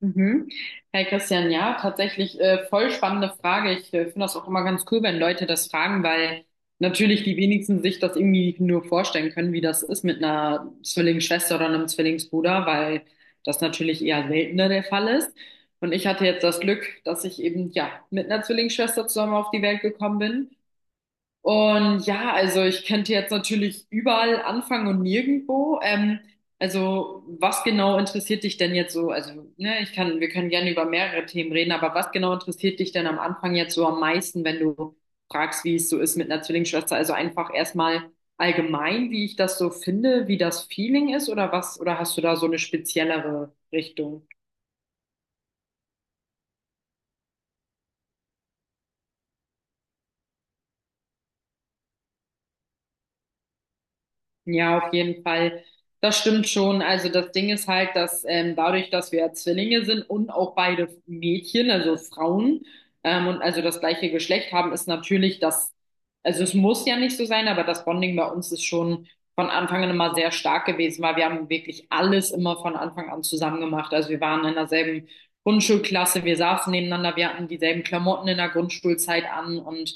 Mhm. Hey Christian, ja, tatsächlich voll spannende Frage. Ich finde das auch immer ganz cool, wenn Leute das fragen, weil natürlich die wenigsten sich das irgendwie nur vorstellen können, wie das ist mit einer Zwillingsschwester oder einem Zwillingsbruder, weil das natürlich eher seltener der Fall ist. Und ich hatte jetzt das Glück, dass ich eben ja mit einer Zwillingsschwester zusammen auf die Welt gekommen bin. Und ja, also ich könnte jetzt natürlich überall anfangen und nirgendwo. Also was genau interessiert dich denn jetzt so? Also ne, ich kann, wir können gerne über mehrere Themen reden, aber was genau interessiert dich denn am Anfang jetzt so am meisten, wenn du fragst, wie es so ist mit einer Zwillingsschwester? Also einfach erstmal allgemein, wie ich das so finde, wie das Feeling ist oder was? Oder hast du da so eine speziellere Richtung? Ja, auf jeden Fall. Das stimmt schon. Also das Ding ist halt, dass dadurch, dass wir ja Zwillinge sind und auch beide Mädchen, also Frauen, und also das gleiche Geschlecht haben, ist natürlich das, also es muss ja nicht so sein, aber das Bonding bei uns ist schon von Anfang an immer sehr stark gewesen, weil wir haben wirklich alles immer von Anfang an zusammen gemacht. Also wir waren in derselben Grundschulklasse, wir saßen nebeneinander, wir hatten dieselben Klamotten in der Grundschulzeit an und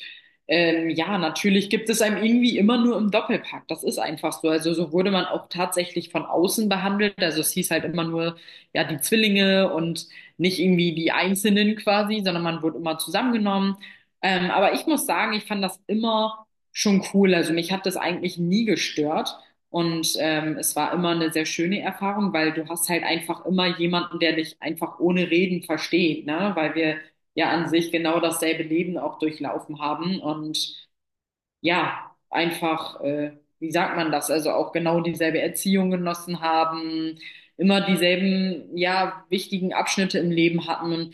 ja, natürlich gibt es einem irgendwie immer nur im Doppelpack. Das ist einfach so. Also so wurde man auch tatsächlich von außen behandelt. Also es hieß halt immer nur, ja, die Zwillinge und nicht irgendwie die Einzelnen quasi, sondern man wurde immer zusammengenommen. Aber ich muss sagen, ich fand das immer schon cool. Also mich hat das eigentlich nie gestört. Und es war immer eine sehr schöne Erfahrung, weil du hast halt einfach immer jemanden, der dich einfach ohne Reden versteht, ne? Weil wir ja an sich genau dasselbe Leben auch durchlaufen haben und ja, einfach, wie sagt man das, also auch genau dieselbe Erziehung genossen haben, immer dieselben, ja, wichtigen Abschnitte im Leben hatten und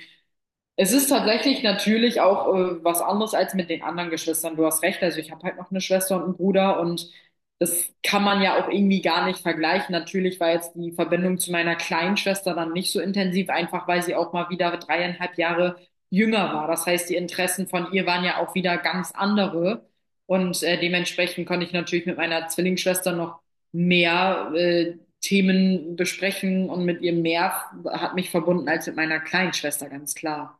es ist tatsächlich natürlich auch was anderes als mit den anderen Geschwistern. Du hast recht, also ich habe halt noch eine Schwester und einen Bruder und das kann man ja auch irgendwie gar nicht vergleichen. Natürlich war jetzt die Verbindung zu meiner kleinen Schwester dann nicht so intensiv, einfach weil sie auch mal wieder dreieinhalb Jahre jünger war. Das heißt, die Interessen von ihr waren ja auch wieder ganz andere und dementsprechend konnte ich natürlich mit meiner Zwillingsschwester noch mehr Themen besprechen und mit ihr mehr hat mich verbunden als mit meiner kleinen Schwester, ganz klar.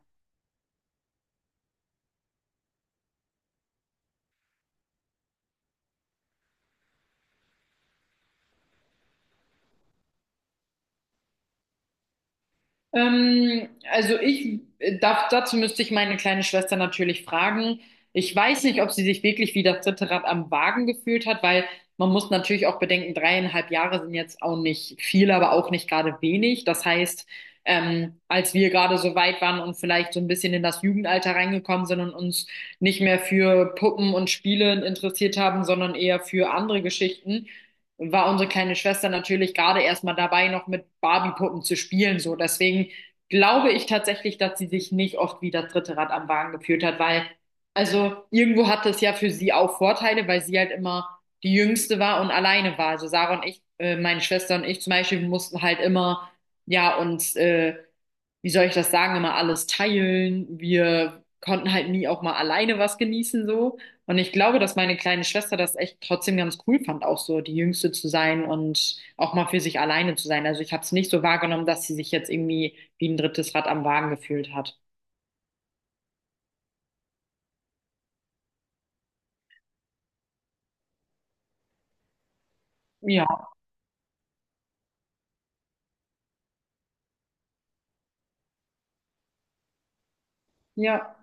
Also dazu müsste ich meine kleine Schwester natürlich fragen. Ich weiß nicht, ob sie sich wirklich wie das dritte Rad am Wagen gefühlt hat, weil man muss natürlich auch bedenken, dreieinhalb Jahre sind jetzt auch nicht viel, aber auch nicht gerade wenig. Das heißt, als wir gerade so weit waren und vielleicht so ein bisschen in das Jugendalter reingekommen sind und uns nicht mehr für Puppen und Spiele interessiert haben, sondern eher für andere Geschichten, war unsere kleine Schwester natürlich gerade erstmal dabei, noch mit Barbie-Puppen zu spielen. So, deswegen glaube ich tatsächlich, dass sie sich nicht oft wie das dritte Rad am Wagen gefühlt hat, weil also irgendwo hatte es ja für sie auch Vorteile, weil sie halt immer die Jüngste war und alleine war. Also Sarah und ich, meine Schwester und ich zum Beispiel, wir mussten halt immer, ja, uns, wie soll ich das sagen, immer alles teilen. Wir konnten halt nie auch mal alleine was genießen so. Und ich glaube, dass meine kleine Schwester das echt trotzdem ganz cool fand, auch so die Jüngste zu sein und auch mal für sich alleine zu sein. Also ich habe es nicht so wahrgenommen, dass sie sich jetzt irgendwie wie ein drittes Rad am Wagen gefühlt hat. Ja, ja.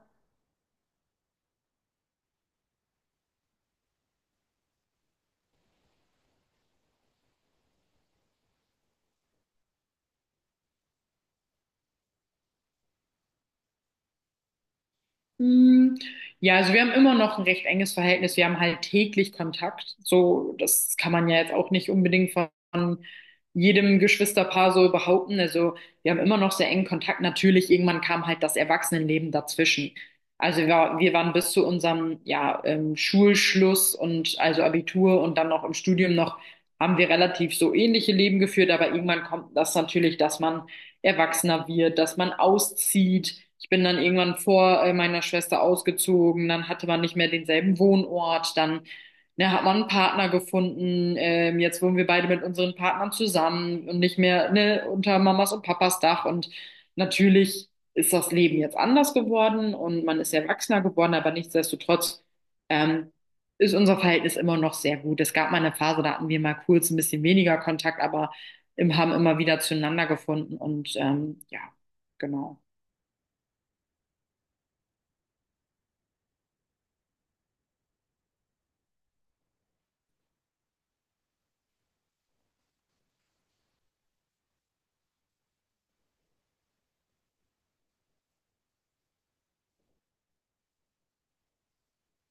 Mm, ja, also wir haben immer noch ein recht enges Verhältnis. Wir haben halt täglich Kontakt. So, das kann man ja jetzt auch nicht unbedingt von jedem Geschwisterpaar so behaupten. Also wir haben immer noch sehr engen Kontakt. Natürlich, irgendwann kam halt das Erwachsenenleben dazwischen. Also wir waren bis zu unserem ja, Schulschluss und also Abitur und dann noch im Studium noch, haben wir relativ so ähnliche Leben geführt. Aber irgendwann kommt das natürlich, dass man erwachsener wird, dass man auszieht. Ich bin dann irgendwann vor meiner Schwester ausgezogen, dann hatte man nicht mehr denselben Wohnort, dann ne, hat man einen Partner gefunden. Jetzt wohnen wir beide mit unseren Partnern zusammen und nicht mehr ne, unter Mamas und Papas Dach. Und natürlich ist das Leben jetzt anders geworden und man ist erwachsener geworden, aber nichtsdestotrotz ähm, ist unser Verhältnis immer noch sehr gut. Es gab mal eine Phase, da hatten wir mal kurz ein bisschen weniger Kontakt, aber im, haben immer wieder zueinander gefunden und ja, genau.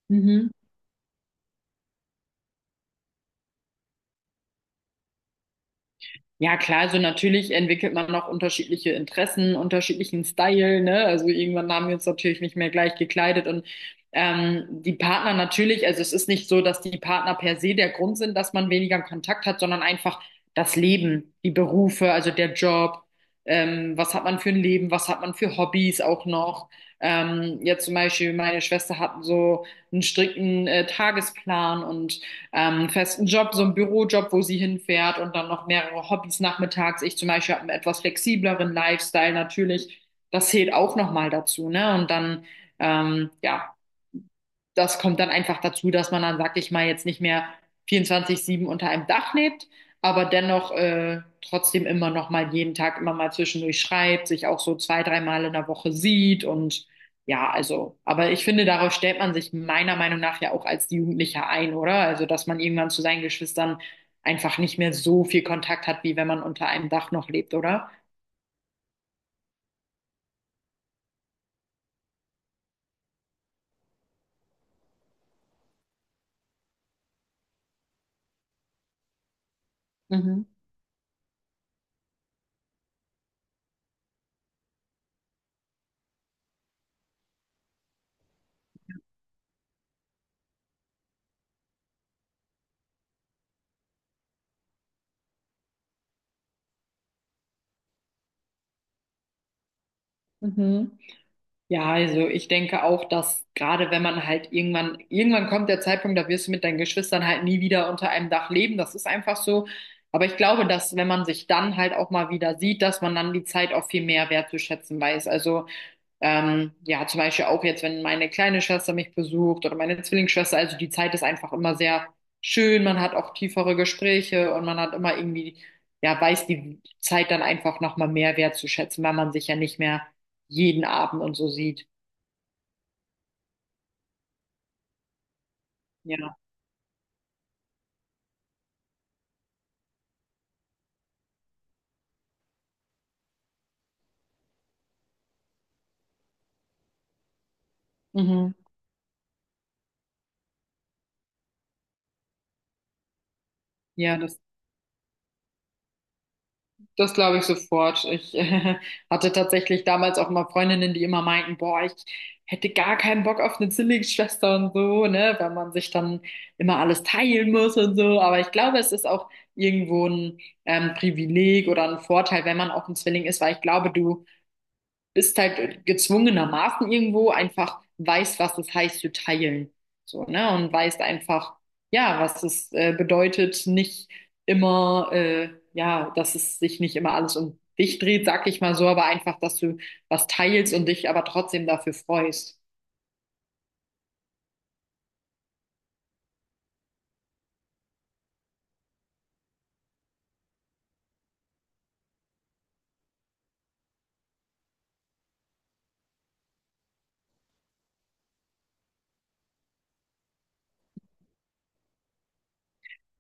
Mhm. Ja, klar, also natürlich entwickelt man noch unterschiedliche Interessen, unterschiedlichen Style, ne? Also irgendwann haben wir uns natürlich nicht mehr gleich gekleidet und die Partner natürlich, also es ist nicht so, dass die Partner per se der Grund sind, dass man weniger Kontakt hat, sondern einfach das Leben, die Berufe, also der Job, was hat man für ein Leben, was hat man für Hobbys auch noch. Jetzt zum Beispiel, meine Schwester hat so einen strikten Tagesplan und festen Job, so einen Bürojob, wo sie hinfährt und dann noch mehrere Hobbys nachmittags. Ich zum Beispiel habe einen etwas flexibleren Lifestyle natürlich. Das zählt auch nochmal dazu, ne? Und dann, ja, das kommt dann einfach dazu, dass man dann, sag ich mal, jetzt nicht mehr 24/7 unter einem Dach lebt, aber dennoch trotzdem immer noch mal jeden Tag immer mal zwischendurch schreibt, sich auch so zwei, dreimal in der Woche sieht und ja, also, aber ich finde, darauf stellt man sich meiner Meinung nach ja auch als Jugendlicher ein, oder? Also, dass man irgendwann zu seinen Geschwistern einfach nicht mehr so viel Kontakt hat, wie wenn man unter einem Dach noch lebt, oder? Mhm. Mhm. Ja, also ich denke auch, dass gerade wenn man halt irgendwann kommt der Zeitpunkt, da wirst du mit deinen Geschwistern halt nie wieder unter einem Dach leben. Das ist einfach so. Aber ich glaube, dass wenn man sich dann halt auch mal wieder sieht, dass man dann die Zeit auch viel mehr wertzuschätzen weiß. Also ja, zum Beispiel auch jetzt, wenn meine kleine Schwester mich besucht oder meine Zwillingsschwester, also die Zeit ist einfach immer sehr schön. Man hat auch tiefere Gespräche und man hat immer irgendwie, ja, weiß die Zeit dann einfach nochmal mehr wertzuschätzen, weil man sich ja nicht mehr jeden Abend und so sieht. Ja. Mhm. Ja, das glaube ich sofort. Ich hatte tatsächlich damals auch immer Freundinnen, die immer meinten, boah, ich hätte gar keinen Bock auf eine Zwillingsschwester und so, ne, weil man sich dann immer alles teilen muss und so. Aber ich glaube, es ist auch irgendwo ein Privileg oder ein Vorteil, wenn man auch ein Zwilling ist, weil ich glaube, du bist halt gezwungenermaßen irgendwo einfach weißt, was es heißt zu teilen. So, ne? Und weißt einfach, ja, was es bedeutet, nicht immer, ja, dass es sich nicht immer alles um dich dreht, sag ich mal so, aber einfach, dass du was teilst und dich aber trotzdem dafür freust.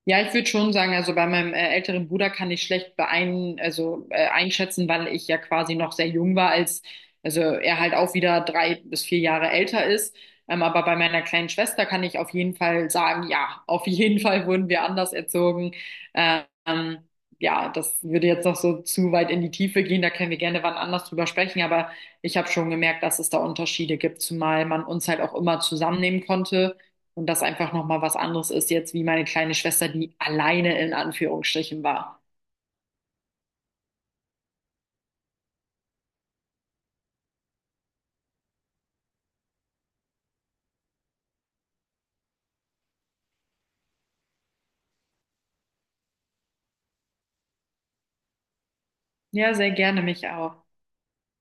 Ja, ich würde schon sagen, also bei meinem älteren Bruder kann ich schlecht einschätzen, weil ich ja quasi noch sehr jung war, also er halt auch wieder 3 bis 4 Jahre älter ist. Aber bei meiner kleinen Schwester kann ich auf jeden Fall sagen, ja, auf jeden Fall wurden wir anders erzogen. Ähm, ja, das würde jetzt noch so zu weit in die Tiefe gehen, da können wir gerne wann anders drüber sprechen, aber ich habe schon gemerkt, dass es da Unterschiede gibt, zumal man uns halt auch immer zusammennehmen konnte. Und das einfach nochmal was anderes ist jetzt, wie meine kleine Schwester, die alleine in Anführungsstrichen war. Ja, sehr gerne mich auch.